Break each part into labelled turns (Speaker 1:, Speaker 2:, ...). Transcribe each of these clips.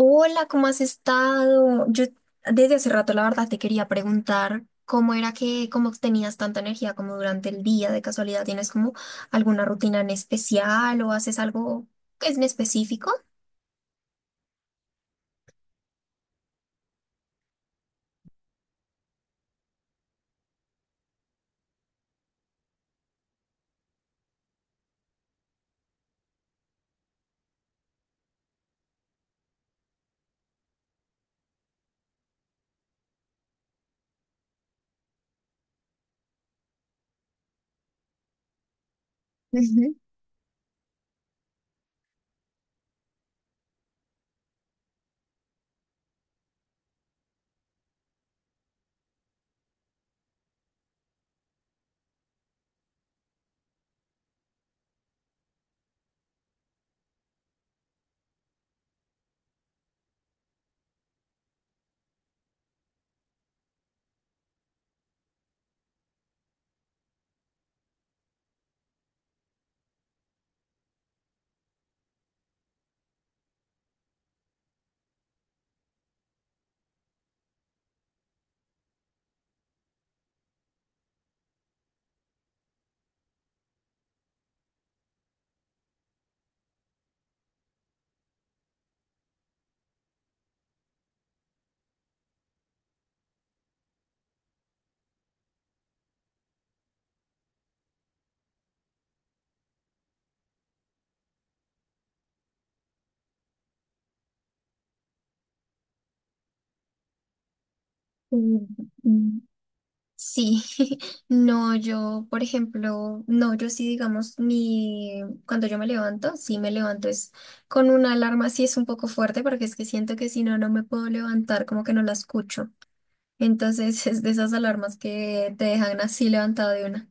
Speaker 1: Hola, ¿cómo has estado? Yo desde hace rato, la verdad, te quería preguntar cómo era que, cómo tenías tanta energía como durante el día. De casualidad, ¿tienes como alguna rutina en especial o haces algo que es en específico? Ujú. Mm, mm. Sí, no, yo, por ejemplo, no, yo sí, digamos, mi, cuando yo me levanto, sí me levanto es con una alarma, sí es un poco fuerte, porque es que siento que si no, no me puedo levantar, como que no la escucho. Entonces es de esas alarmas que te dejan así levantado de una.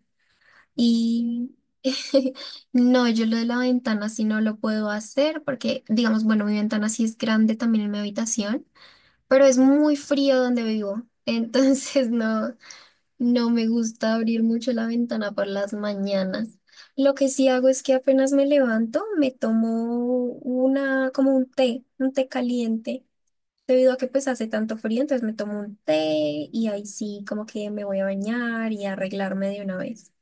Speaker 1: Y no, yo lo de la ventana sí no lo puedo hacer porque, digamos, bueno, mi ventana sí es grande también en mi habitación, pero es muy frío donde vivo. Entonces no, no me gusta abrir mucho la ventana por las mañanas. Lo que sí hago es que apenas me levanto, me tomo una, como un té caliente. Debido a que pues hace tanto frío, entonces me tomo un té y ahí sí como que me voy a bañar y a arreglarme de una vez.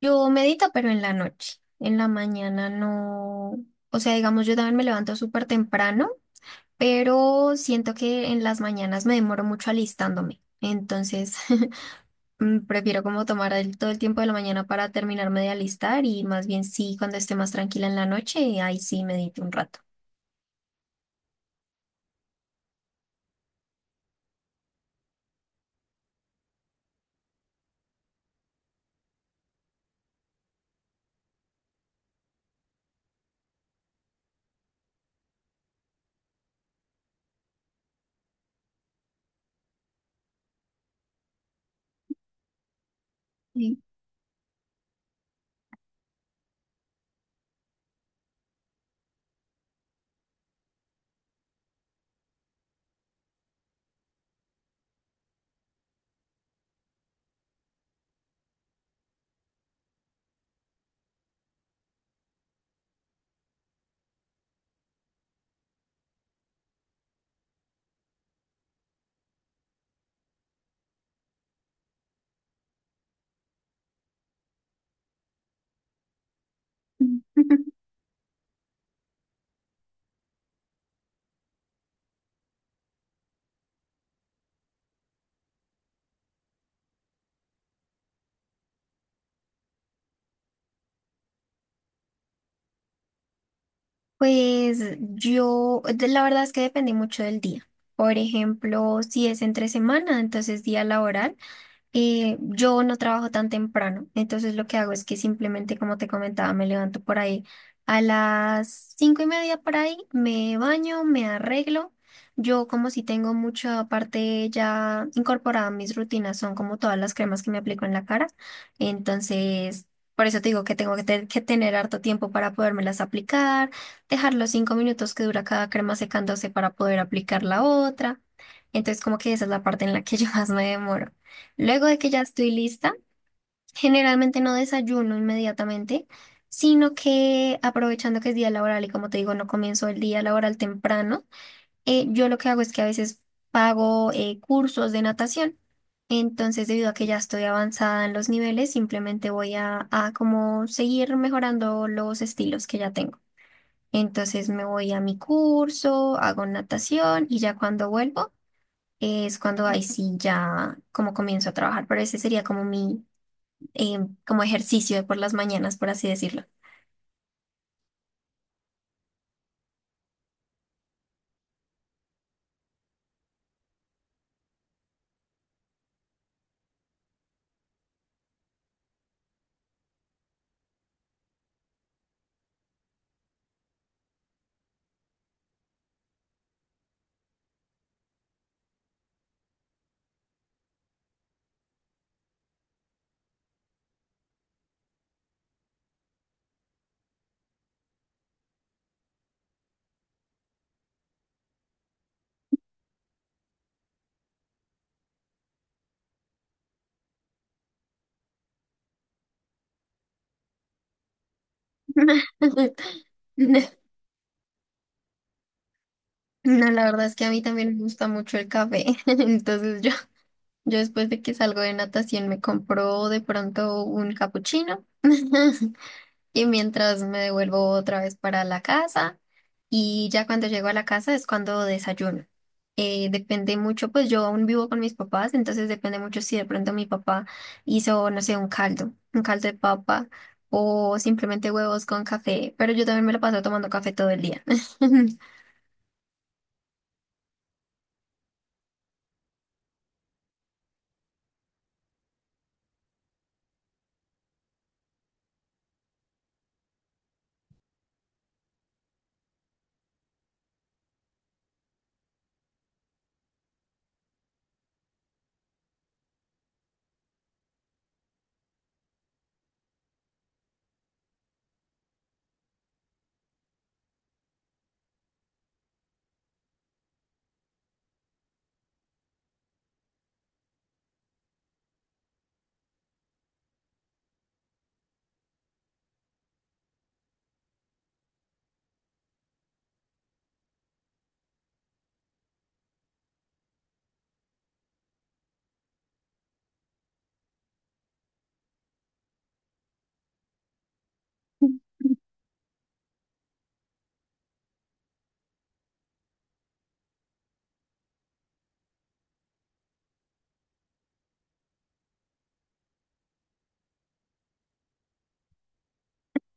Speaker 1: Yo medito, pero en la noche. En la mañana no. O sea, digamos, yo también me levanto súper temprano, pero siento que en las mañanas me demoro mucho alistándome. Entonces, prefiero como tomar todo el tiempo de la mañana para terminarme de alistar y más bien sí, cuando esté más tranquila en la noche, ahí sí medito un rato. Sí. Pues yo, la verdad es que depende mucho del día. Por ejemplo, si es entre semana, entonces día laboral. Yo no trabajo tan temprano, entonces lo que hago es que simplemente, como te comentaba, me levanto por ahí a las 5:30 por ahí, me baño, me arreglo. Yo como si tengo mucha parte ya incorporada a mis rutinas, son como todas las cremas que me aplico en la cara. Entonces, por eso te digo que tengo que, que tener harto tiempo para podérmelas aplicar, dejar los 5 minutos que dura cada crema secándose para poder aplicar la otra. Entonces, como que esa es la parte en la que yo más me demoro. Luego de que ya estoy lista, generalmente no desayuno inmediatamente, sino que aprovechando que es día laboral y como te digo, no comienzo el día laboral temprano, yo lo que hago es que a veces pago cursos de natación. Entonces, debido a que ya estoy avanzada en los niveles, simplemente voy a como seguir mejorando los estilos que ya tengo. Entonces me voy a mi curso, hago natación y ya cuando vuelvo es cuando ahí sí ya como comienzo a trabajar, pero ese sería como mi eh, como ejercicio de por las mañanas, por así decirlo. No, la verdad es que a mí también me gusta mucho el café. Entonces yo después de que salgo de natación me compro de pronto un capuchino. Y mientras me devuelvo otra vez para la casa y ya cuando llego a la casa es cuando desayuno. Depende mucho, pues yo aún vivo con mis papás, entonces depende mucho si de pronto mi papá hizo, no sé, un caldo de papa o simplemente huevos con café, pero yo también me lo paso tomando café todo el día.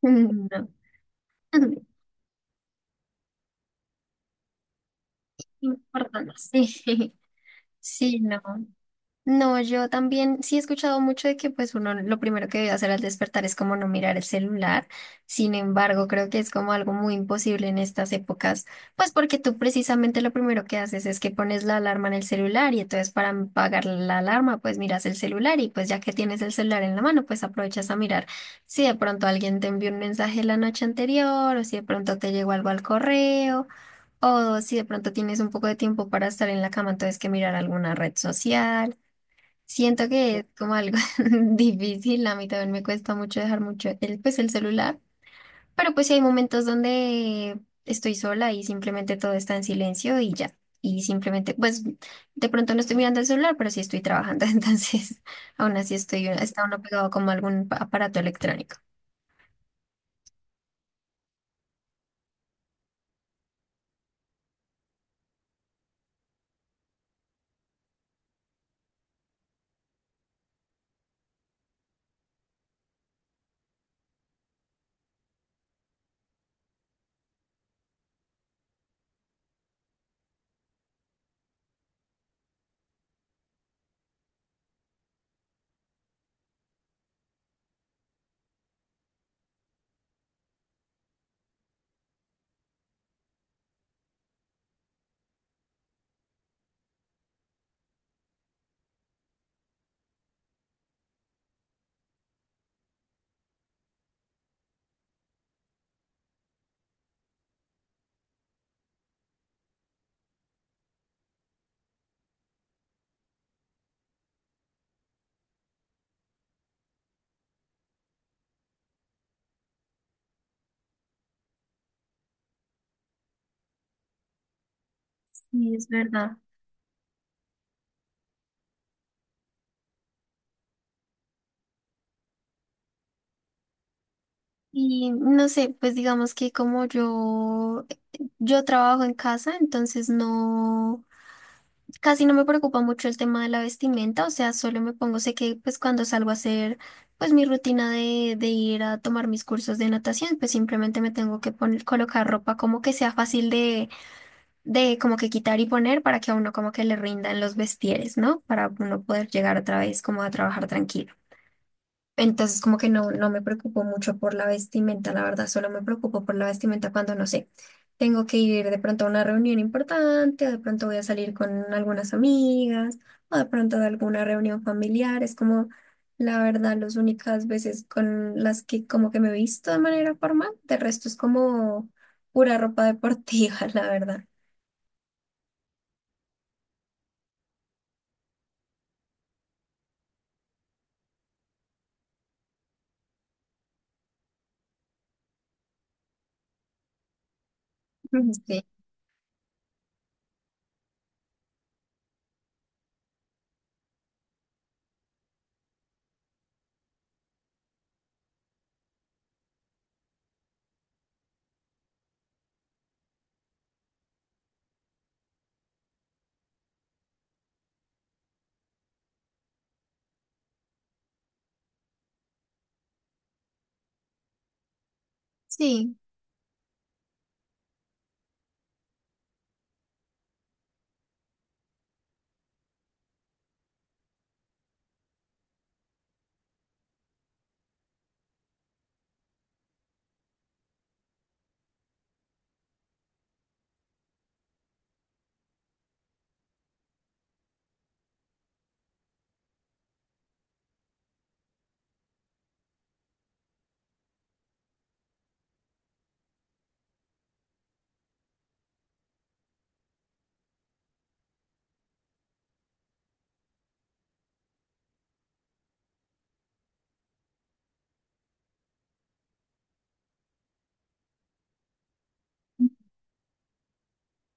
Speaker 1: No. Importante. Sí, sí, no. No, yo también sí he escuchado mucho de que pues uno lo primero que debe hacer al despertar es como no mirar el celular. Sin embargo, creo que es como algo muy imposible en estas épocas, pues porque tú precisamente lo primero que haces es que pones la alarma en el celular y entonces para apagar la alarma pues miras el celular y pues ya que tienes el celular en la mano pues aprovechas a mirar si de pronto alguien te envió un mensaje la noche anterior o si de pronto te llegó algo al correo. O si de pronto tienes un poco de tiempo para estar en la cama, entonces que mirar alguna red social. Siento que es como algo difícil, a mí también me cuesta mucho dejar mucho el, pues, el celular, pero pues sí hay momentos donde estoy sola y simplemente todo está en silencio y ya, y simplemente, pues de pronto no estoy mirando el celular, pero sí estoy trabajando, entonces aún así estoy, está uno pegado como a algún aparato electrónico. Sí, es verdad. Y no sé, pues digamos que como yo trabajo en casa, entonces no... Casi no me preocupa mucho el tema de la vestimenta, o sea, solo me pongo, sé que pues cuando salgo a hacer pues mi rutina de ir a tomar mis cursos de natación, pues simplemente me tengo que poner, colocar ropa como que sea fácil de como que quitar y poner para que a uno como que le rindan los vestieres, ¿no? Para uno poder llegar otra vez como a trabajar tranquilo. Entonces, como que no, no me preocupo mucho por la vestimenta, la verdad, solo me preocupo por la vestimenta cuando, no sé, tengo que ir de pronto a una reunión importante, o de pronto voy a salir con algunas amigas, o de pronto de alguna reunión familiar. Es como, la verdad, las únicas veces con las que como que me he visto de manera formal, de resto es como pura ropa deportiva, la verdad. Ujú. Sí, sí,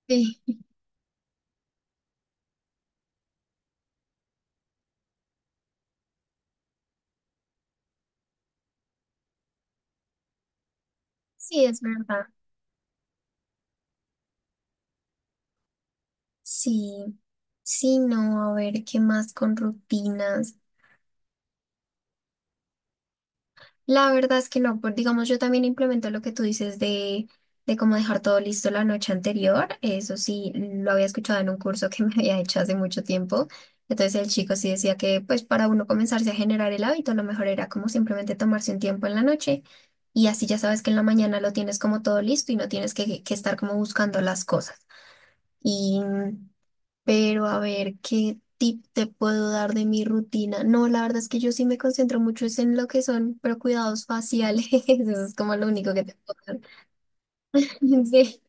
Speaker 1: sí, sí, es verdad. Sí, sí, no, a ver, ¿qué más con rutinas? La verdad es que no, pues digamos, yo también implemento lo que tú dices de cómo dejar todo listo la noche anterior. Eso sí, lo había escuchado en un curso que me había hecho hace mucho tiempo. Entonces el chico sí decía que pues para uno comenzarse a generar el hábito, lo mejor era como simplemente tomarse un tiempo en la noche y así ya sabes que en la mañana lo tienes como todo listo y no tienes que estar como buscando las cosas. Y pero a ver, ¿qué tip te puedo dar de mi rutina? No, la verdad es que yo sí me concentro mucho es en lo que son, pero cuidados faciales, eso es como lo único que te puedo dar. Sí,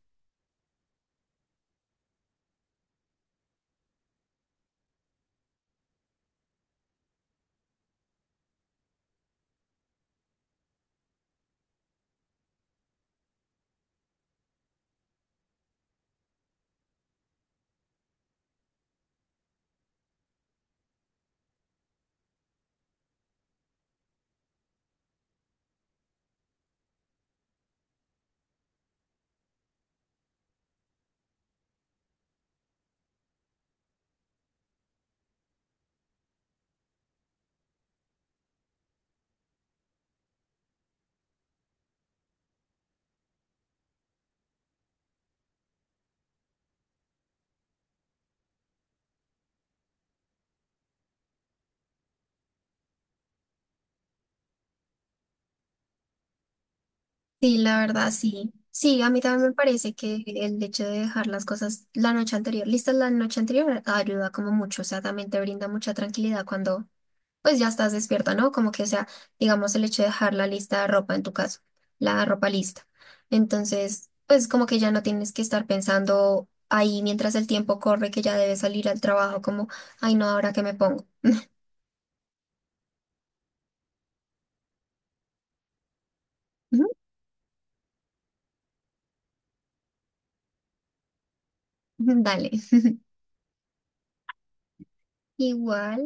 Speaker 1: sí, la verdad, sí. Sí, a mí también me parece que el hecho de dejar las cosas la noche anterior, listas la noche anterior, ayuda como mucho, o sea, también te brinda mucha tranquilidad cuando pues ya estás despierta, ¿no? Como que, o sea, digamos el hecho de dejar la lista de ropa en tu caso, la ropa lista. Entonces, pues como que ya no tienes que estar pensando ahí mientras el tiempo corre que ya debes salir al trabajo, como, ay, no, ahora qué me pongo. Ujú, Dale. Igual.